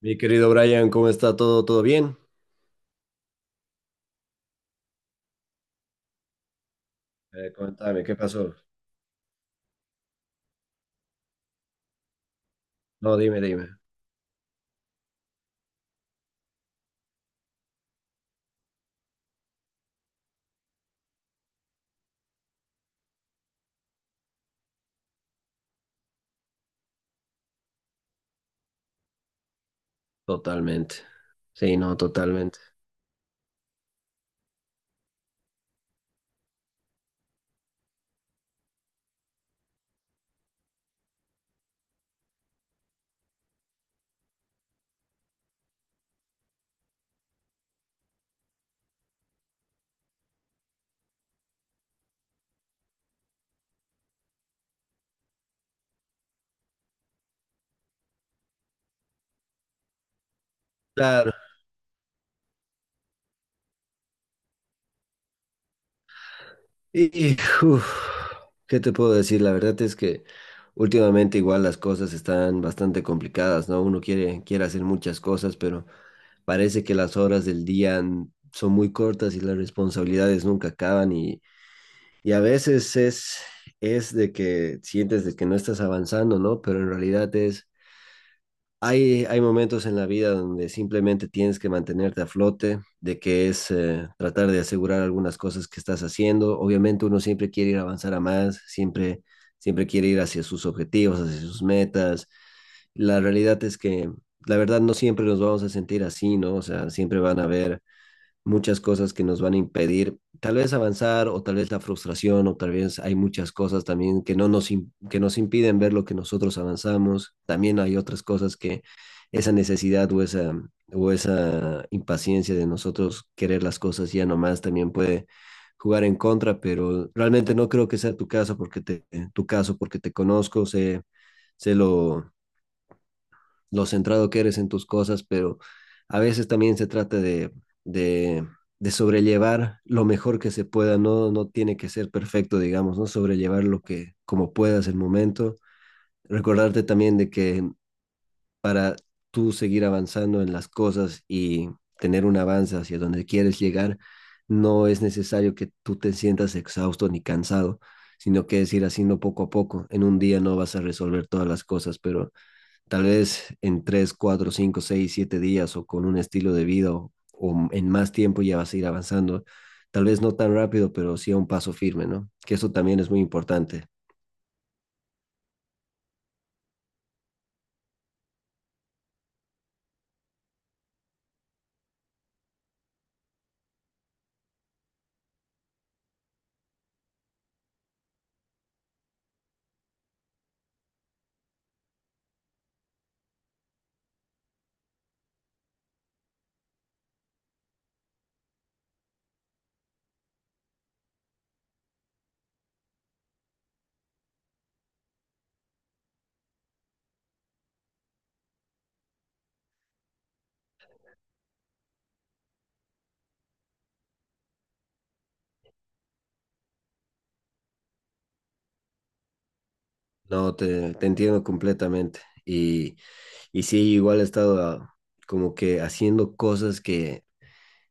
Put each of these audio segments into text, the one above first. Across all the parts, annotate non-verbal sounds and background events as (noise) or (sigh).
Mi querido Brian, ¿cómo está todo? ¿Todo bien? Contame, ¿qué pasó? No, dime. Totalmente. Sí, no, totalmente. Claro. Y, uf, ¿Qué te puedo decir? La verdad es que últimamente igual las cosas están bastante complicadas, ¿no? Uno quiere hacer muchas cosas, pero parece que las horas del día son muy cortas y las responsabilidades nunca acaban y a veces es de que sientes de que no estás avanzando, ¿no? Pero en realidad es... Hay momentos en la vida donde simplemente tienes que mantenerte a flote, de que es tratar de asegurar algunas cosas que estás haciendo. Obviamente uno siempre quiere ir a avanzar a más, siempre quiere ir hacia sus objetivos, hacia sus metas. La realidad es la verdad, no siempre nos vamos a sentir así, ¿no? O sea, siempre van a haber muchas cosas que nos van a impedir tal vez avanzar o tal vez la frustración o tal vez hay muchas cosas también que no que nos impiden ver lo que nosotros avanzamos. También hay otras cosas que esa necesidad o esa impaciencia de nosotros querer las cosas ya nomás también puede jugar en contra, pero realmente no creo que sea tu caso tu caso porque te conozco, sé lo centrado que eres en tus cosas, pero a veces también se trata de, de sobrellevar lo mejor que se pueda, no, no tiene que ser perfecto, digamos, ¿no? Sobrellevar como puedas el momento. Recordarte también de que para tú seguir avanzando en las cosas y tener un avance hacia donde quieres llegar, no es necesario que tú te sientas exhausto ni cansado, sino que es ir haciendo poco a poco. En un día no vas a resolver todas las cosas, pero tal vez en 3 4 5 6 7 días o con un estilo de vida o en más tiempo ya vas a ir avanzando. Tal vez no tan rápido, pero sí a un paso firme, ¿no? Que eso también es muy importante. No, te entiendo completamente. Y, y sí, igual he estado como que haciendo cosas que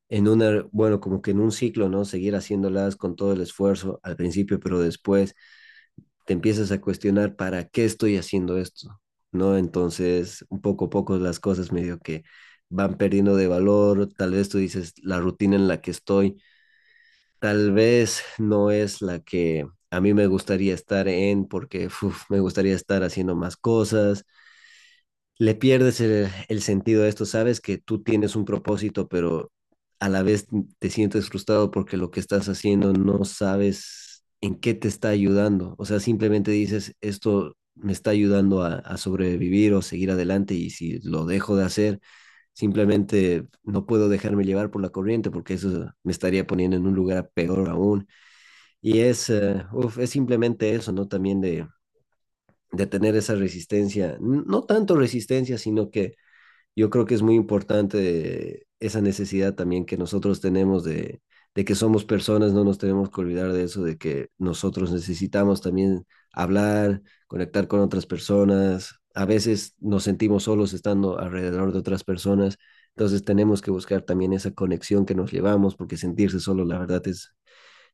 en como que en un ciclo, ¿no? Seguir haciéndolas con todo el esfuerzo al principio, pero después te empiezas a cuestionar para qué estoy haciendo esto, ¿no? Entonces, un poco a poco las cosas medio que van perdiendo de valor, tal vez tú dices, la rutina en la que estoy, tal vez no es la que a mí me gustaría estar en, porque uf, me gustaría estar haciendo más cosas, le pierdes el sentido a esto. Sabes que tú tienes un propósito, pero a la vez te sientes frustrado porque lo que estás haciendo no sabes en qué te está ayudando. O sea, simplemente dices, esto me está ayudando a sobrevivir o seguir adelante y si lo dejo de hacer, simplemente no puedo dejarme llevar por la corriente porque eso me estaría poniendo en un lugar peor aún. Y es, es simplemente eso, ¿no? También de tener esa resistencia, no tanto resistencia, sino que yo creo que es muy importante esa necesidad también que nosotros tenemos de que somos personas, no nos tenemos que olvidar de eso, de que nosotros necesitamos también hablar, conectar con otras personas. A veces nos sentimos solos estando alrededor de otras personas, entonces tenemos que buscar también esa conexión que nos llevamos, porque sentirse solo, la verdad, es,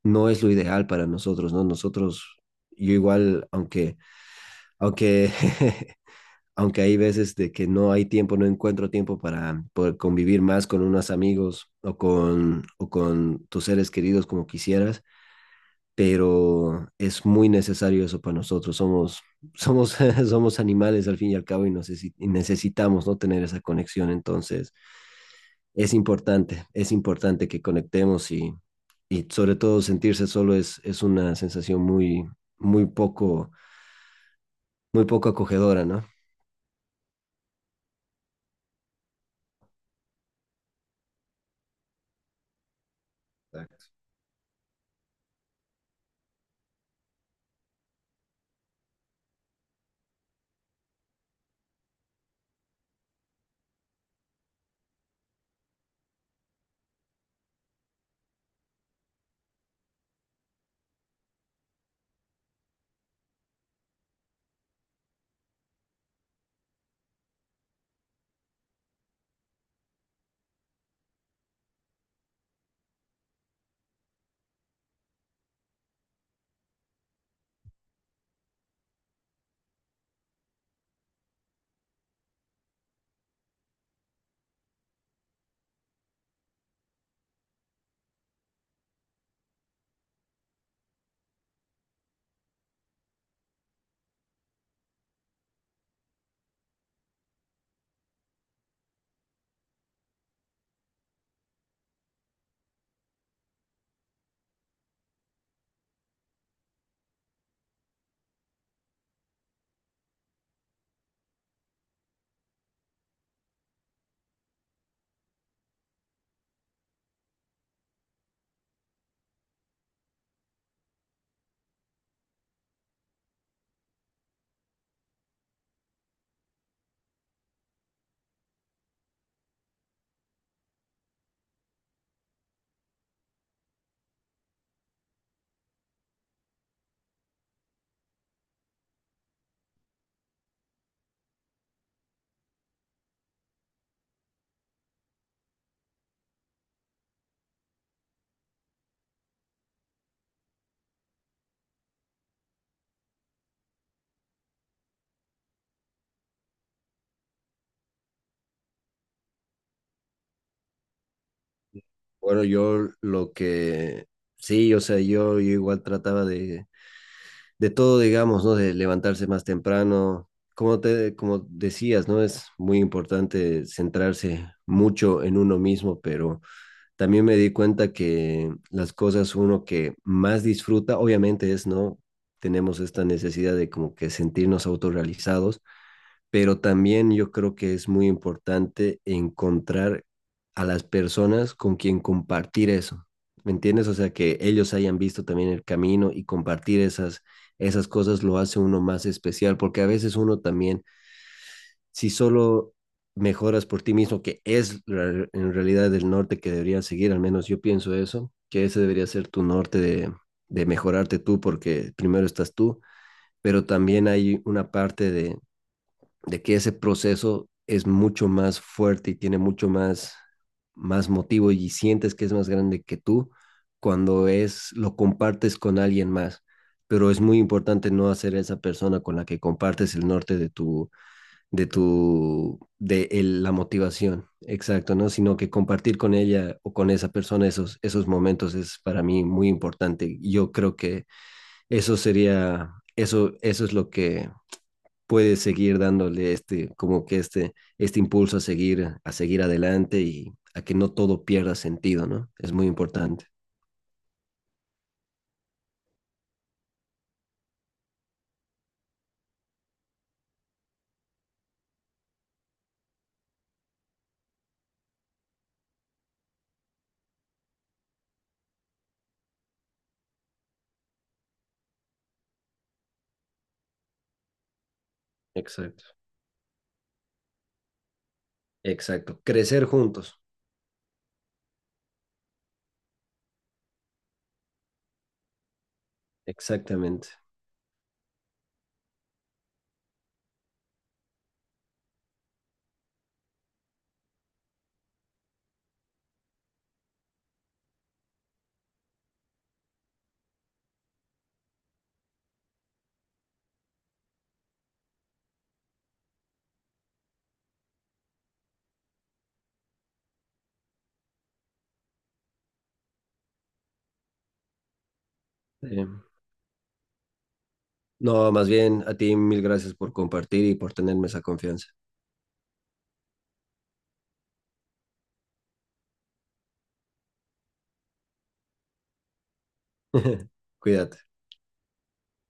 no es lo ideal para nosotros, ¿no? Nosotros, yo igual, aunque (laughs) aunque hay veces de que no hay tiempo, no encuentro tiempo para poder convivir más con unos amigos o con tus seres queridos como quisieras, pero es muy necesario eso para nosotros. Somos, (laughs) somos animales al fin y al cabo y, necesitamos no tener esa conexión. Entonces, es importante que conectemos y sobre todo sentirse solo es una sensación muy muy poco acogedora, ¿no? Exacto. Bueno, yo lo que sí, o sea, yo igual trataba de todo, digamos, ¿no? De levantarse más temprano. Como como decías, ¿no? Es muy importante centrarse mucho en uno mismo, pero también me di cuenta que las cosas uno que más disfruta, obviamente es, ¿no? Tenemos esta necesidad de como que sentirnos autorrealizados, pero también yo creo que es muy importante encontrar a las personas con quien compartir eso, ¿me entiendes? O sea, que ellos hayan visto también el camino y compartir esas cosas lo hace uno más especial, porque a veces uno también, si solo mejoras por ti mismo, que es en realidad el norte que deberías seguir, al menos yo pienso eso, que ese debería ser tu norte de mejorarte tú, porque primero estás tú, pero también hay una parte de que ese proceso es mucho más fuerte y tiene mucho más motivo y sientes que es más grande que tú cuando es lo compartes con alguien más. Pero es muy importante no hacer esa persona con la que compartes el norte de la motivación, exacto, ¿no? Sino que compartir con ella o con esa persona esos momentos es para mí muy importante. Yo creo que eso sería, eso es lo que puede seguir dándole este impulso a seguir adelante y a que no todo pierda sentido, ¿no? Es muy importante. Exacto, exacto. Crecer juntos, exactamente. Eh, no, más bien a ti mil gracias por compartir y por tenerme esa confianza. (laughs) Cuídate.